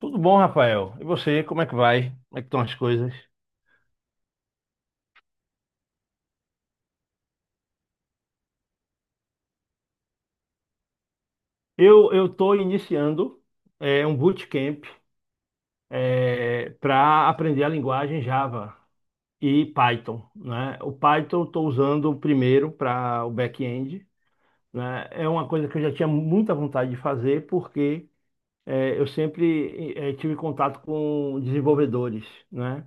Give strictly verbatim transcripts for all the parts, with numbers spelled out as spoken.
Tudo bom, Rafael? E você, como é que vai? Como é que estão as coisas? Eu eu estou iniciando é, um bootcamp para aprender a linguagem Java e Python, né? O Python eu estou usando primeiro para o back-end, né? É uma coisa que eu já tinha muita vontade de fazer porque é, eu sempre é, tive contato com desenvolvedores, né?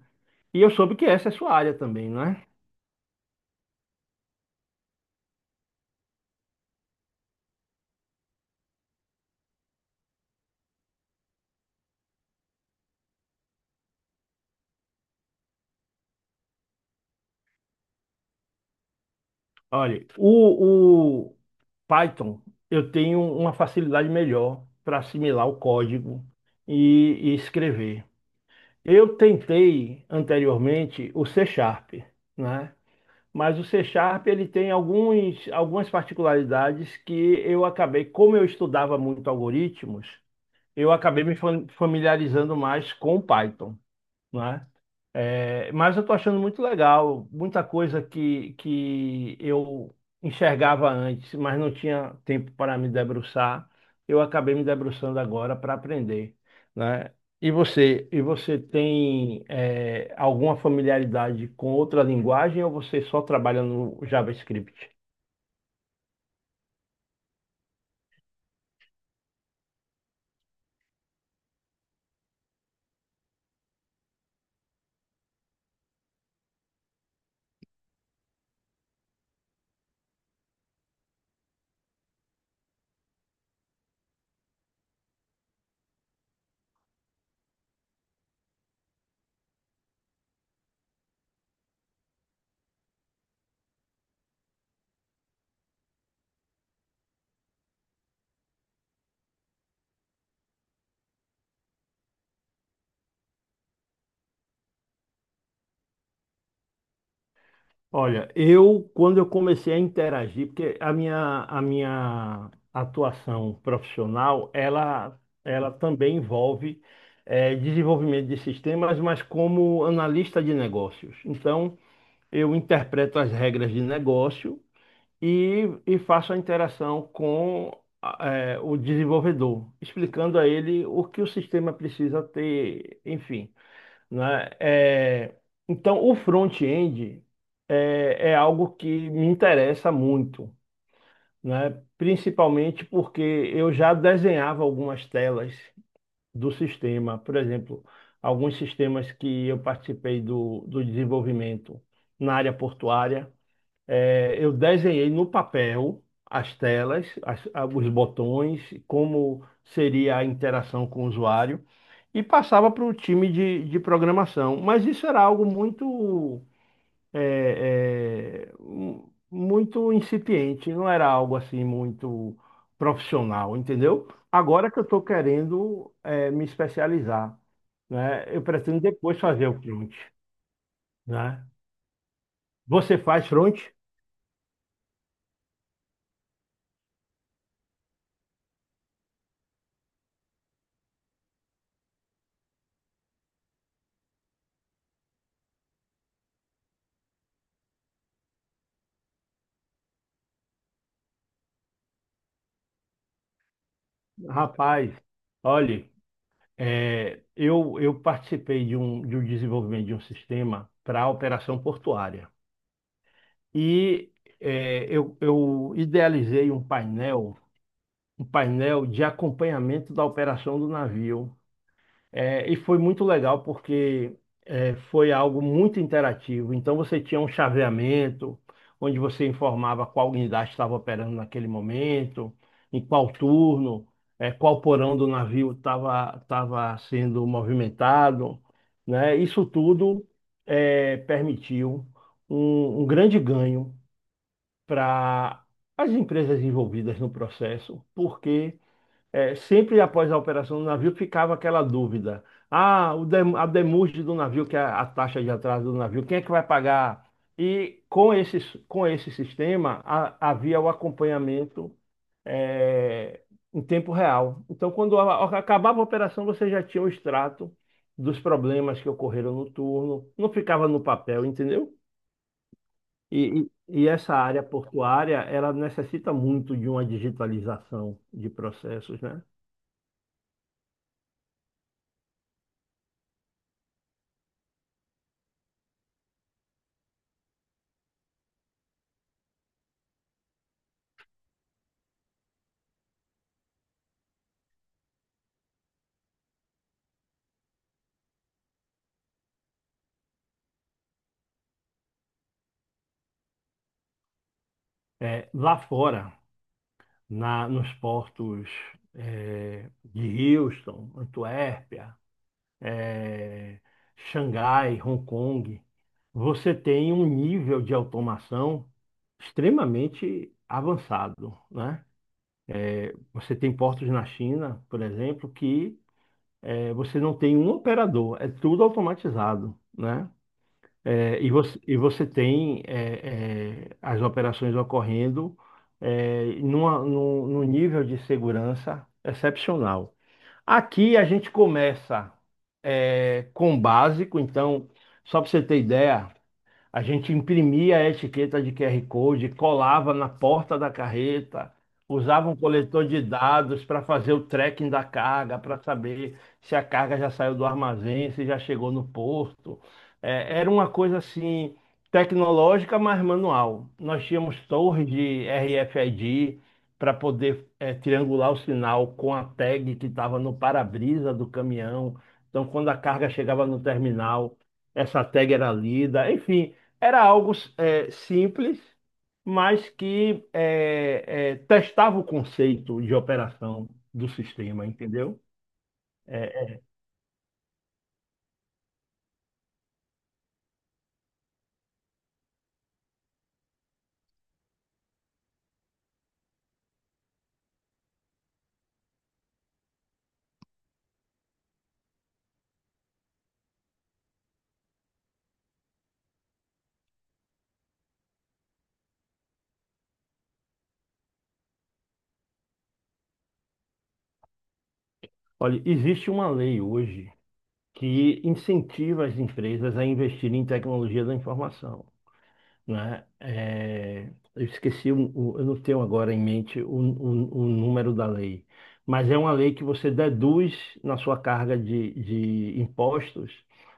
E eu soube que essa é a sua área também, né? Olha, o, Python, eu tenho uma facilidade melhor para assimilar o código e, e escrever. Eu tentei anteriormente o C Sharp, né? Mas o C Sharp ele tem alguns, algumas particularidades que eu acabei, como eu estudava muito algoritmos, eu acabei me fam- familiarizando mais com o Python, né? É, mas eu estou achando muito legal, muita coisa que, que eu enxergava antes, mas não tinha tempo para me debruçar. Eu acabei me debruçando agora para aprender, né? E você, e você tem é, alguma familiaridade com outra linguagem ou você só trabalha no JavaScript? Olha, eu quando eu comecei a interagir, porque a minha a minha atuação profissional, ela ela também envolve eh, desenvolvimento de sistemas, mas como analista de negócios. Então, eu interpreto as regras de negócio e, e faço a interação com ah, eh, o desenvolvedor, explicando a ele o que o sistema precisa ter, enfim, né? É, então, o front-end é, é algo que me interessa muito, né? Principalmente porque eu já desenhava algumas telas do sistema, por exemplo, alguns sistemas que eu participei do, do desenvolvimento na área portuária. É, eu desenhei no papel as telas, as- a- os botões, como seria a interação com o usuário, e passava para o time de, de programação. Mas isso era algo muito, é, é, mu- muito incipiente, não era algo assim muito profissional, entendeu? Agora que eu estou querendo, é, me especializar, né? Eu pretendo depois fazer o front, né? Você faz front? Rapaz, olhe. É, eu, eu participei de um, de um desenvolvimento de um sistema para a operação portuária. E é, eu, eu idealizei um painel, um painel de acompanhamento da operação do navio, é, e foi muito legal porque é, foi algo muito interativo. Então você tinha um chaveamento, onde você informava qual unidade estava operando naquele momento, em qual turno, é, qual porão do navio estava estava sendo movimentado, né? Isso tudo é, permitiu um um grande ganho para as empresas envolvidas no processo, porque é, sempre após a operação do navio ficava aquela dúvida. Ah, o dem- a demurge do navio, que é a taxa de atraso do navio, quem é que vai pagar? E com esse, com esse sistema a- havia o acompanhamento, é, em tempo real. Então, quando a- a- acabava a operação, você já tinha o extrato dos problemas que ocorreram no turno, não ficava no papel, entendeu? E, e e essa área portuária, ela necessita muito de uma digitalização de processos, né? É, lá fora, na, nos portos é, de Houston, Antuérpia, é, Xangai, Hong Kong, você tem um nível de automação extremamente avançado, né? Você tem portos na China, por exemplo, que é, você não tem um operador, é tudo automatizado, né? É, e você, e você tem é, é, as operações ocorrendo é, numa, num, num nível de segurança excepcional. Aqui a gente começa é, com o básico, então, só para você ter ideia, a gente imprimia a etiqueta de Q R Code, colava na porta da carreta, usava um coletor de dados para fazer o tracking da carga, para saber se a carga já saiu do armazém, se já chegou no porto. É, era uma coisa assim tecnológica, mas manual. Nós tínhamos torres de R F I D para poder é, triangular o sinal com a tag que estava no para-brisa do caminhão. Então, quando a carga chegava no terminal, essa tag era lida, enfim. Era algo é, simples, mas que é, é, testava o conceito de operação do sistema, entendeu? É, Olha, existe uma lei hoje que incentiva as empresas a investirem em tecnologia da informação, né? É, É, eu esqueci, o, o- eu não tenho agora em mente o, o, o número da lei, mas é uma lei que você deduz na sua carga de, de impostos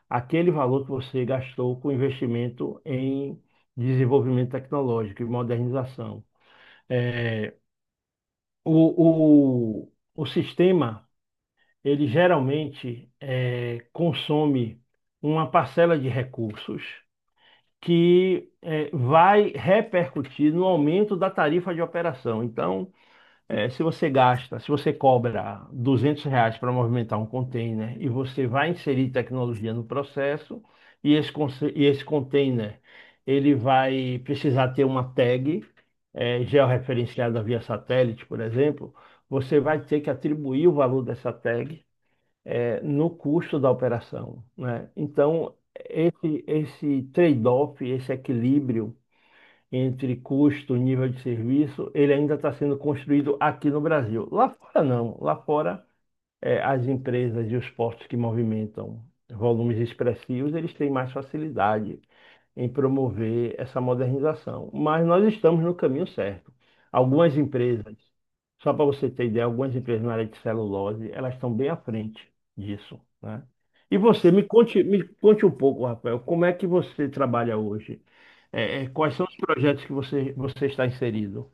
aquele valor que você gastou com investimento em desenvolvimento tecnológico e modernização. É, o, o, o sistema, ele geralmente é, consome uma parcela de recursos que eh, vai repercutir no aumento da tarifa de operação. Então, eh, se você gasta, se você cobra duzentos reais para movimentar um container e você vai inserir tecnologia no processo, e esse, conce- e esse container ele vai precisar ter uma tag eh, georreferenciada via satélite, por exemplo, você vai ter que atribuir o valor dessa tag eh, no custo da operação, né? Então, esse, esse trade-off, esse equilíbrio entre custo e nível de serviço, ele ainda está sendo construído aqui no Brasil. Lá fora não, lá fora eh, as empresas e os postos que movimentam volumes expressivos, eles têm mais facilidade em promover essa modernização. Mas nós estamos no caminho certo. Algumas empresas, só para você ter ideia, algumas empresas na área de celulose, elas estão bem à frente disso, né? E você, me conte, me conte um pouco, Rafael, como é que você trabalha hoje? Eh, eh, quais são os projetos que você, você está inserido?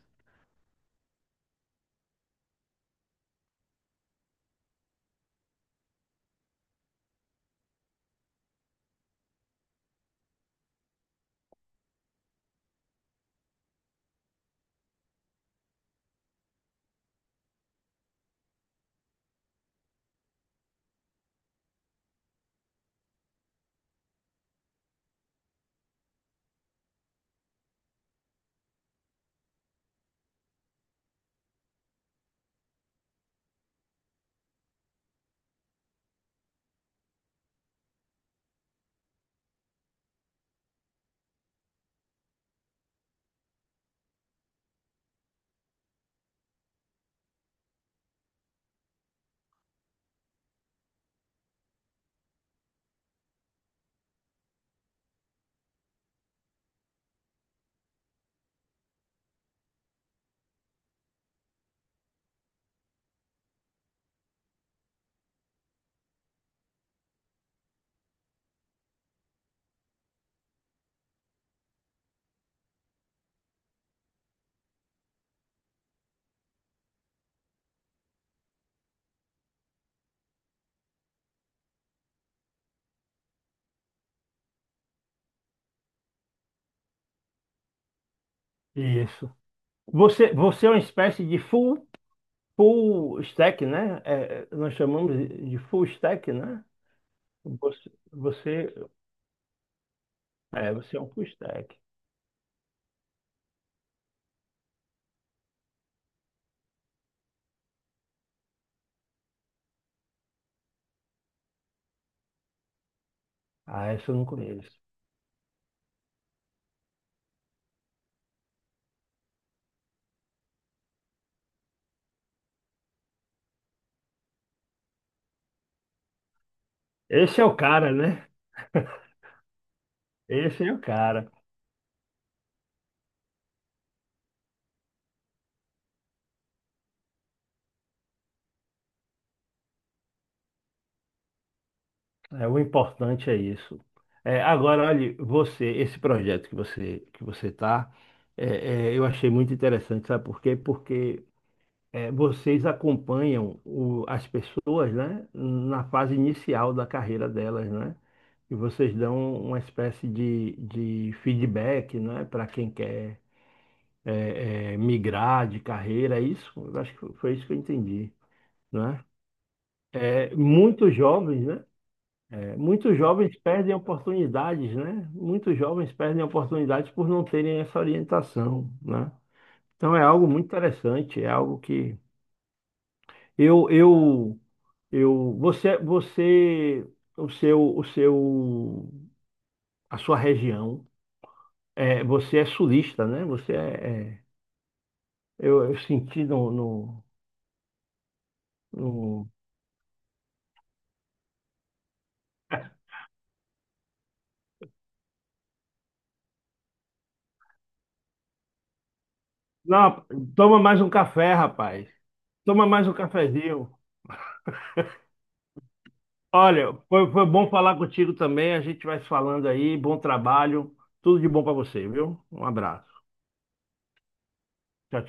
Isso. Você, você é uma espécie de full. Full stack, né? É, é, nós chamamos de de full stack, né? Você, você, é, você é um full stack. Ah, esse eu não conheço. Esse é o cara, né? Esse é o cara. É, o importante é isso. É, agora, olha, você, esse projeto que você que você tá, é, é, eu achei muito interessante, sabe por quê? Porque é, vocês acompanham o- as pessoas, né, na fase inicial da carreira delas, né? E vocês dão uma espécie de, de feedback, né, para quem quer é, é, migrar de carreira, é isso? Eu acho que foi isso que eu entendi, né? É, muitos jovens, né? é, muitos jovens perdem oportunidades, né? Muitos jovens perdem oportunidades por não terem essa orientação, né? Então é algo muito interessante, é algo que... Eu, eu, eu, você, você, o seu, o seu, a sua região, é, você é sulista, né? Você é, é- eu, eu senti no, no, no- Não, toma mais um café, rapaz. Toma mais um cafezinho. Olha, foi, foi bom falar contigo também. A gente vai se falando aí. Bom trabalho. Tudo de bom para você, viu? Um abraço. Tchau, tchau.